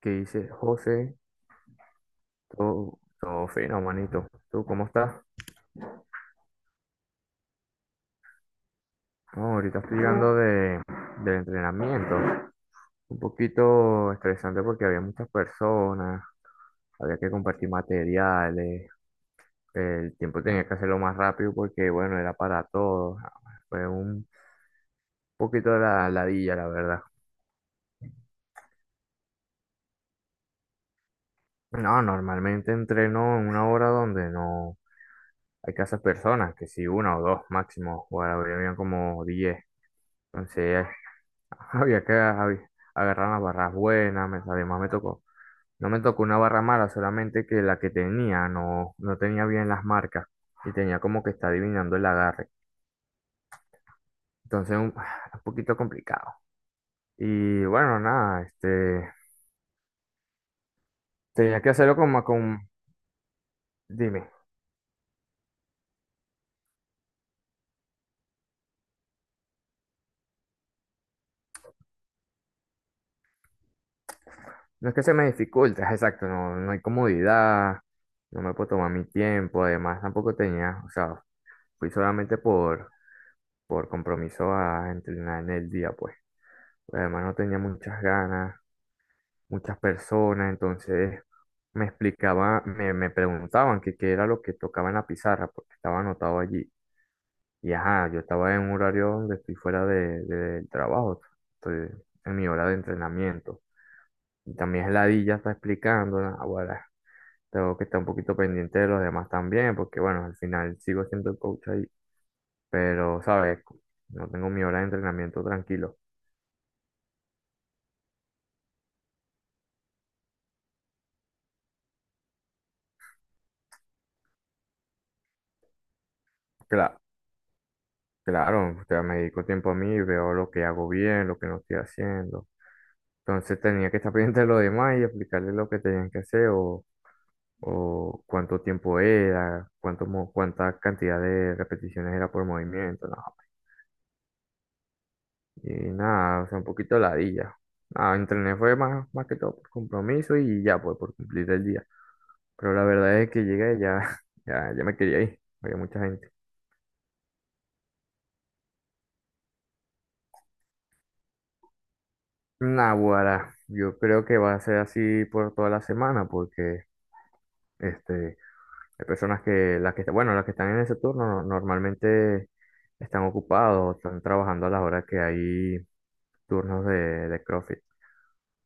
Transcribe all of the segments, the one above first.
¿Qué dice José? Todo, todo fino, manito. ¿Tú cómo estás? No, ahorita estoy llegando del entrenamiento. Un poquito estresante porque había muchas personas, había que compartir materiales, el tiempo tenía que hacerlo más rápido porque, bueno, era para todos. Fue un poquito de la ladilla, la verdad. No, normalmente entreno en una hora donde no hay casas personas, que si una o dos máximo, o ahora habían como 10. Entonces, había que había- agarrar las barras buenas, además me tocó. No me tocó una barra mala, solamente que la que tenía no tenía bien las marcas y tenía como que está adivinando el agarre. Entonces, un poquito complicado. Y bueno, nada, tenía que hacerlo como con, dime, no es que se me dificulte, exacto, no hay comodidad, no me puedo tomar mi tiempo, además tampoco tenía, o sea, fui solamente por compromiso a entrenar en el día, pues. Pues, además no tenía muchas ganas, muchas personas, entonces me explicaba, me preguntaban que qué era lo que tocaba en la pizarra, porque estaba anotado allí. Y ajá, yo estaba en un horario donde estoy fuera del trabajo, estoy en mi hora de entrenamiento. Y también la di ya está explicando, ah, bueno, tengo que estar un poquito pendiente de los demás también, porque bueno, al final sigo siendo el coach ahí, pero, ¿sabes? No tengo mi hora de entrenamiento tranquilo. Claro, claro, o sea, me dedico tiempo a mí, veo lo que hago bien, lo que no estoy haciendo. Entonces tenía que estar pendiente de lo demás y aplicarle lo que tenían que hacer o cuánto tiempo era, cuánta cantidad de repeticiones era por movimiento. No, y nada, o sea, un poquito ladilla. Nada, entrené fue más que todo por compromiso y ya, pues por cumplir el día. Pero la verdad es que llegué y ya, ya me quería ir. Había mucha gente. Naguará, yo creo que va a ser así por toda la semana porque este, hay personas que, bueno, las que están en ese turno normalmente están ocupados, están trabajando a las horas que hay turnos de CrossFit.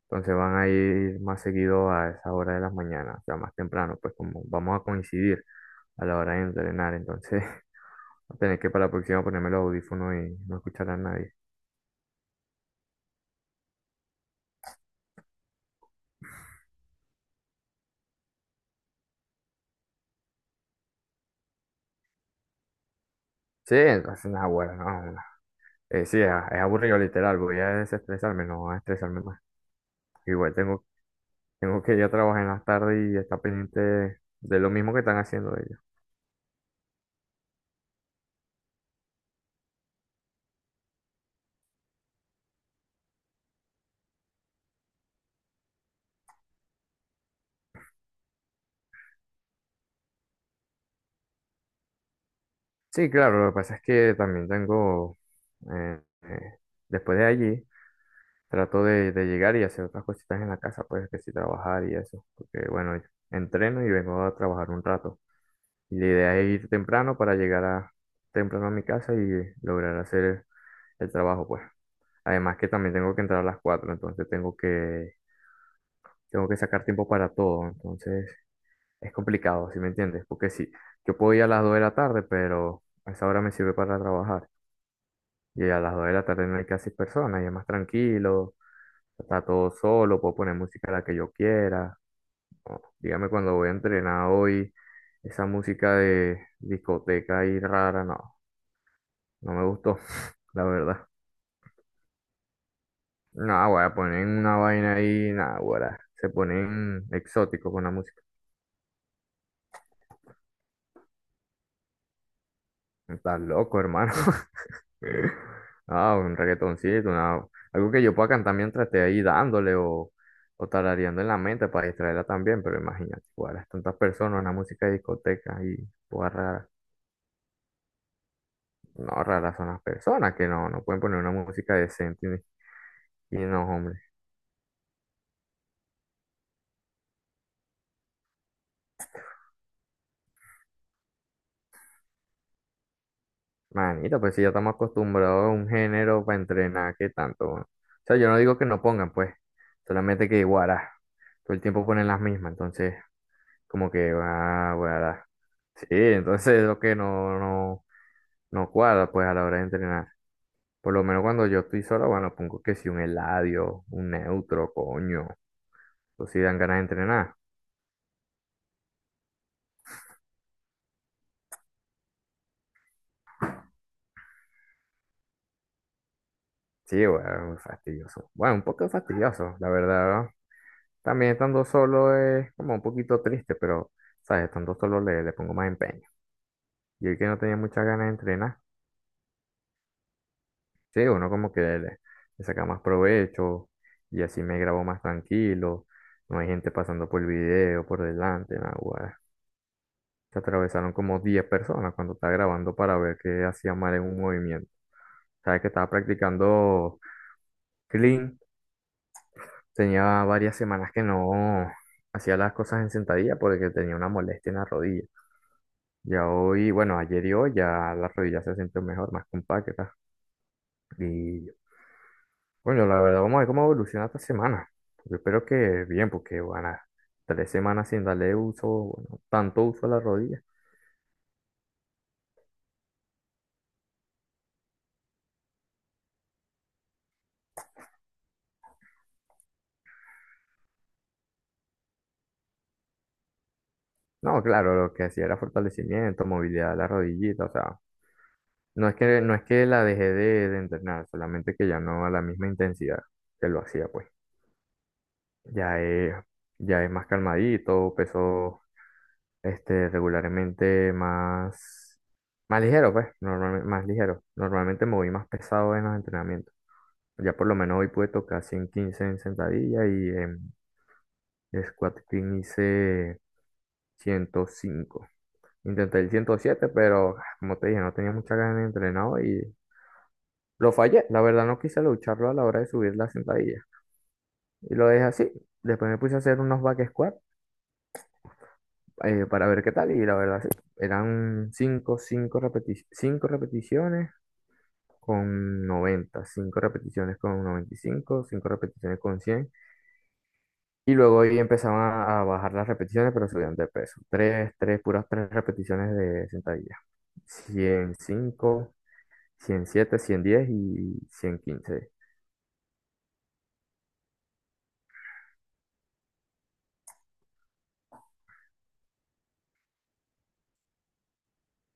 Entonces van a ir más seguido a esa hora de las mañanas, o sea, más temprano, pues como vamos a coincidir a la hora de entrenar, entonces voy a tener que, para la próxima, ponerme los audífonos y no escuchar a nadie. Sí, entonces, naguará, no. Sí, es aburrido, literal. Voy a desestresarme, no a estresarme más. Igual tengo que ir a trabajar en las tardes y estar pendiente de lo mismo que están haciendo ellos. Sí, claro, lo que pasa es que también tengo, eh, eh, después de allí, trato de llegar y hacer otras cositas en la casa, pues, que sí, trabajar y eso. Porque bueno, entreno y vengo a trabajar un rato. Y la idea es ir temprano para llegar, a, temprano, a mi casa y lograr hacer el trabajo, pues. Además que también tengo que entrar a las 4, entonces tengo que sacar tiempo para todo, entonces es complicado, ¿sí me entiendes? Porque sí, yo puedo ir a las 2 de la tarde, pero a esa hora me sirve para trabajar. Y a las 2 de la tarde no hay casi personas, y es más tranquilo, está todo solo, puedo poner música, la que yo quiera. O, dígame cuando voy a entrenar hoy, esa música de discoteca ahí rara, no. No me gustó, la verdad. No, güey, ponen una vaina ahí, nada, güey. Se ponen exóticos con la música. Estás loco, hermano. Ah, un reggaetoncito, algo que yo pueda cantar mientras esté ahí dándole, o tarareando en la mente para distraerla también, pero imagínate, güey, tantas personas, una música de discoteca y pues rara. No, raras son las personas que no pueden poner una música decente y no, hombre. Manito, pues si ya estamos acostumbrados a un género para entrenar, ¿qué tanto? O sea, yo no digo que no pongan, pues, solamente que guará, todo el tiempo ponen las mismas, entonces, como que, ah, guará. Sí, entonces es lo que no cuadra, pues, a la hora de entrenar. Por lo menos cuando yo estoy solo, bueno, pongo que si un Eladio, un Neutro, coño, o si dan ganas de entrenar. Sí, bueno, fastidioso. Bueno, un poco fastidioso, la verdad, ¿no? También estando solo es como un poquito triste, pero, ¿sabes? Estando solo le pongo más empeño. Y el que no tenía muchas ganas de entrenar, sí, uno como que le saca más provecho y así me grabo más tranquilo. No hay gente pasando por el video, por delante, nada, guay. Se atravesaron como 10 personas cuando estaba grabando para ver qué hacía mal en un movimiento. ¿Sabes? Que estaba practicando clean. Tenía varias semanas que no hacía las cosas en sentadilla porque tenía una molestia en la rodilla. Ya hoy, bueno, ayer y hoy, ya la rodilla se sintió mejor, más compacta. Y bueno, la verdad, vamos a ver cómo evoluciona esta semana. Yo espero que bien, porque van a 3 semanas sin darle uso, bueno, tanto uso, a la rodilla. No, claro, lo que hacía era fortalecimiento, movilidad de la rodillita, o sea, no es que la dejé de entrenar, solamente que ya no a la misma intensidad que lo hacía, pues. Ya es, ya es más calmadito, peso, regularmente más, ligero, pues, normalmente, más ligero. Normalmente me voy más pesado en los entrenamientos. Ya por lo menos hoy pude tocar 115 en sentadilla, y en squat clean hice 105. Intenté el 107, pero ah, como te dije, no tenía mucha ganas de entrenar hoy y lo fallé. La verdad no quise lucharlo a la hora de subir la sentadilla. Y lo dejé así. Después me puse a hacer unos back squat, para ver qué tal, y la verdad sí. Eran cinco repeticiones con 90, 5 repeticiones con 95, cinco repeticiones con 100, y luego ahí empezaban a bajar las repeticiones, pero subían de peso. Tres 3 puras 3 repeticiones de sentadilla. 105, 107, 110 y 115.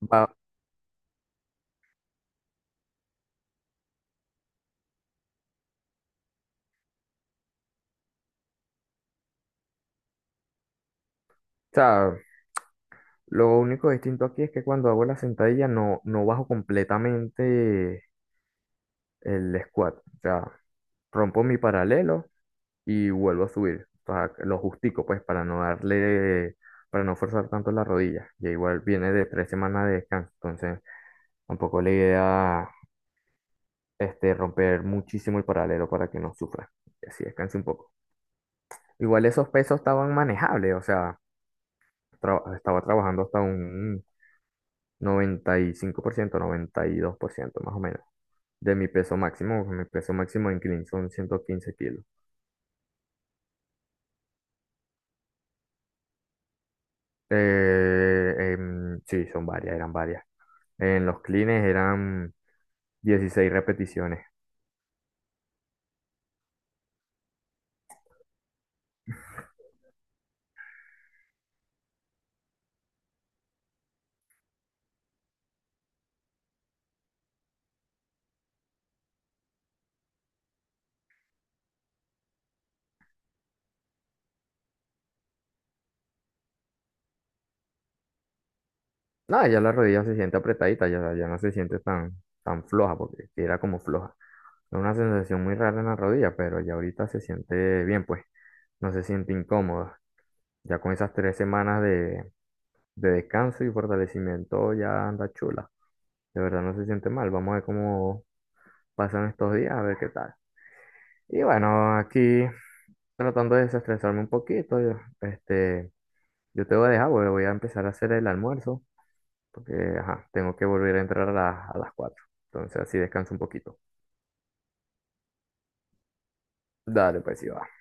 O sea, lo único distinto aquí es que cuando hago la sentadilla no bajo completamente el squat. O sea, rompo mi paralelo y vuelvo a subir. O sea, lo justico, pues, para no darle, para no forzar tanto las rodillas. Ya igual viene de 3 semanas de descanso, entonces tampoco la idea, romper muchísimo el paralelo para que no sufra. Y así descanse un poco. Igual esos pesos estaban manejables, o sea, estaba trabajando hasta un 90, noventa y cinco por ciento, 92% más o menos. De mi peso máximo en clean son 115 kilos. Sí, son varias, eran varias. En los cleans eran 16 repeticiones. Nada, ya la rodilla se siente apretadita, ya no se siente tan, floja, porque sí era como floja. Es una sensación muy rara en la rodilla, pero ya ahorita se siente bien, pues no se siente incómoda. Ya con esas 3 semanas de descanso y fortalecimiento ya anda chula. De verdad no se siente mal. Vamos a ver cómo pasan estos días, a ver qué tal. Y bueno, aquí tratando de desestresarme un poquito, yo te voy a dejar, porque voy a empezar a hacer el almuerzo. Porque, ajá, tengo que volver a entrar a las 4. Entonces así descanso un poquito. Dale, pues sí va.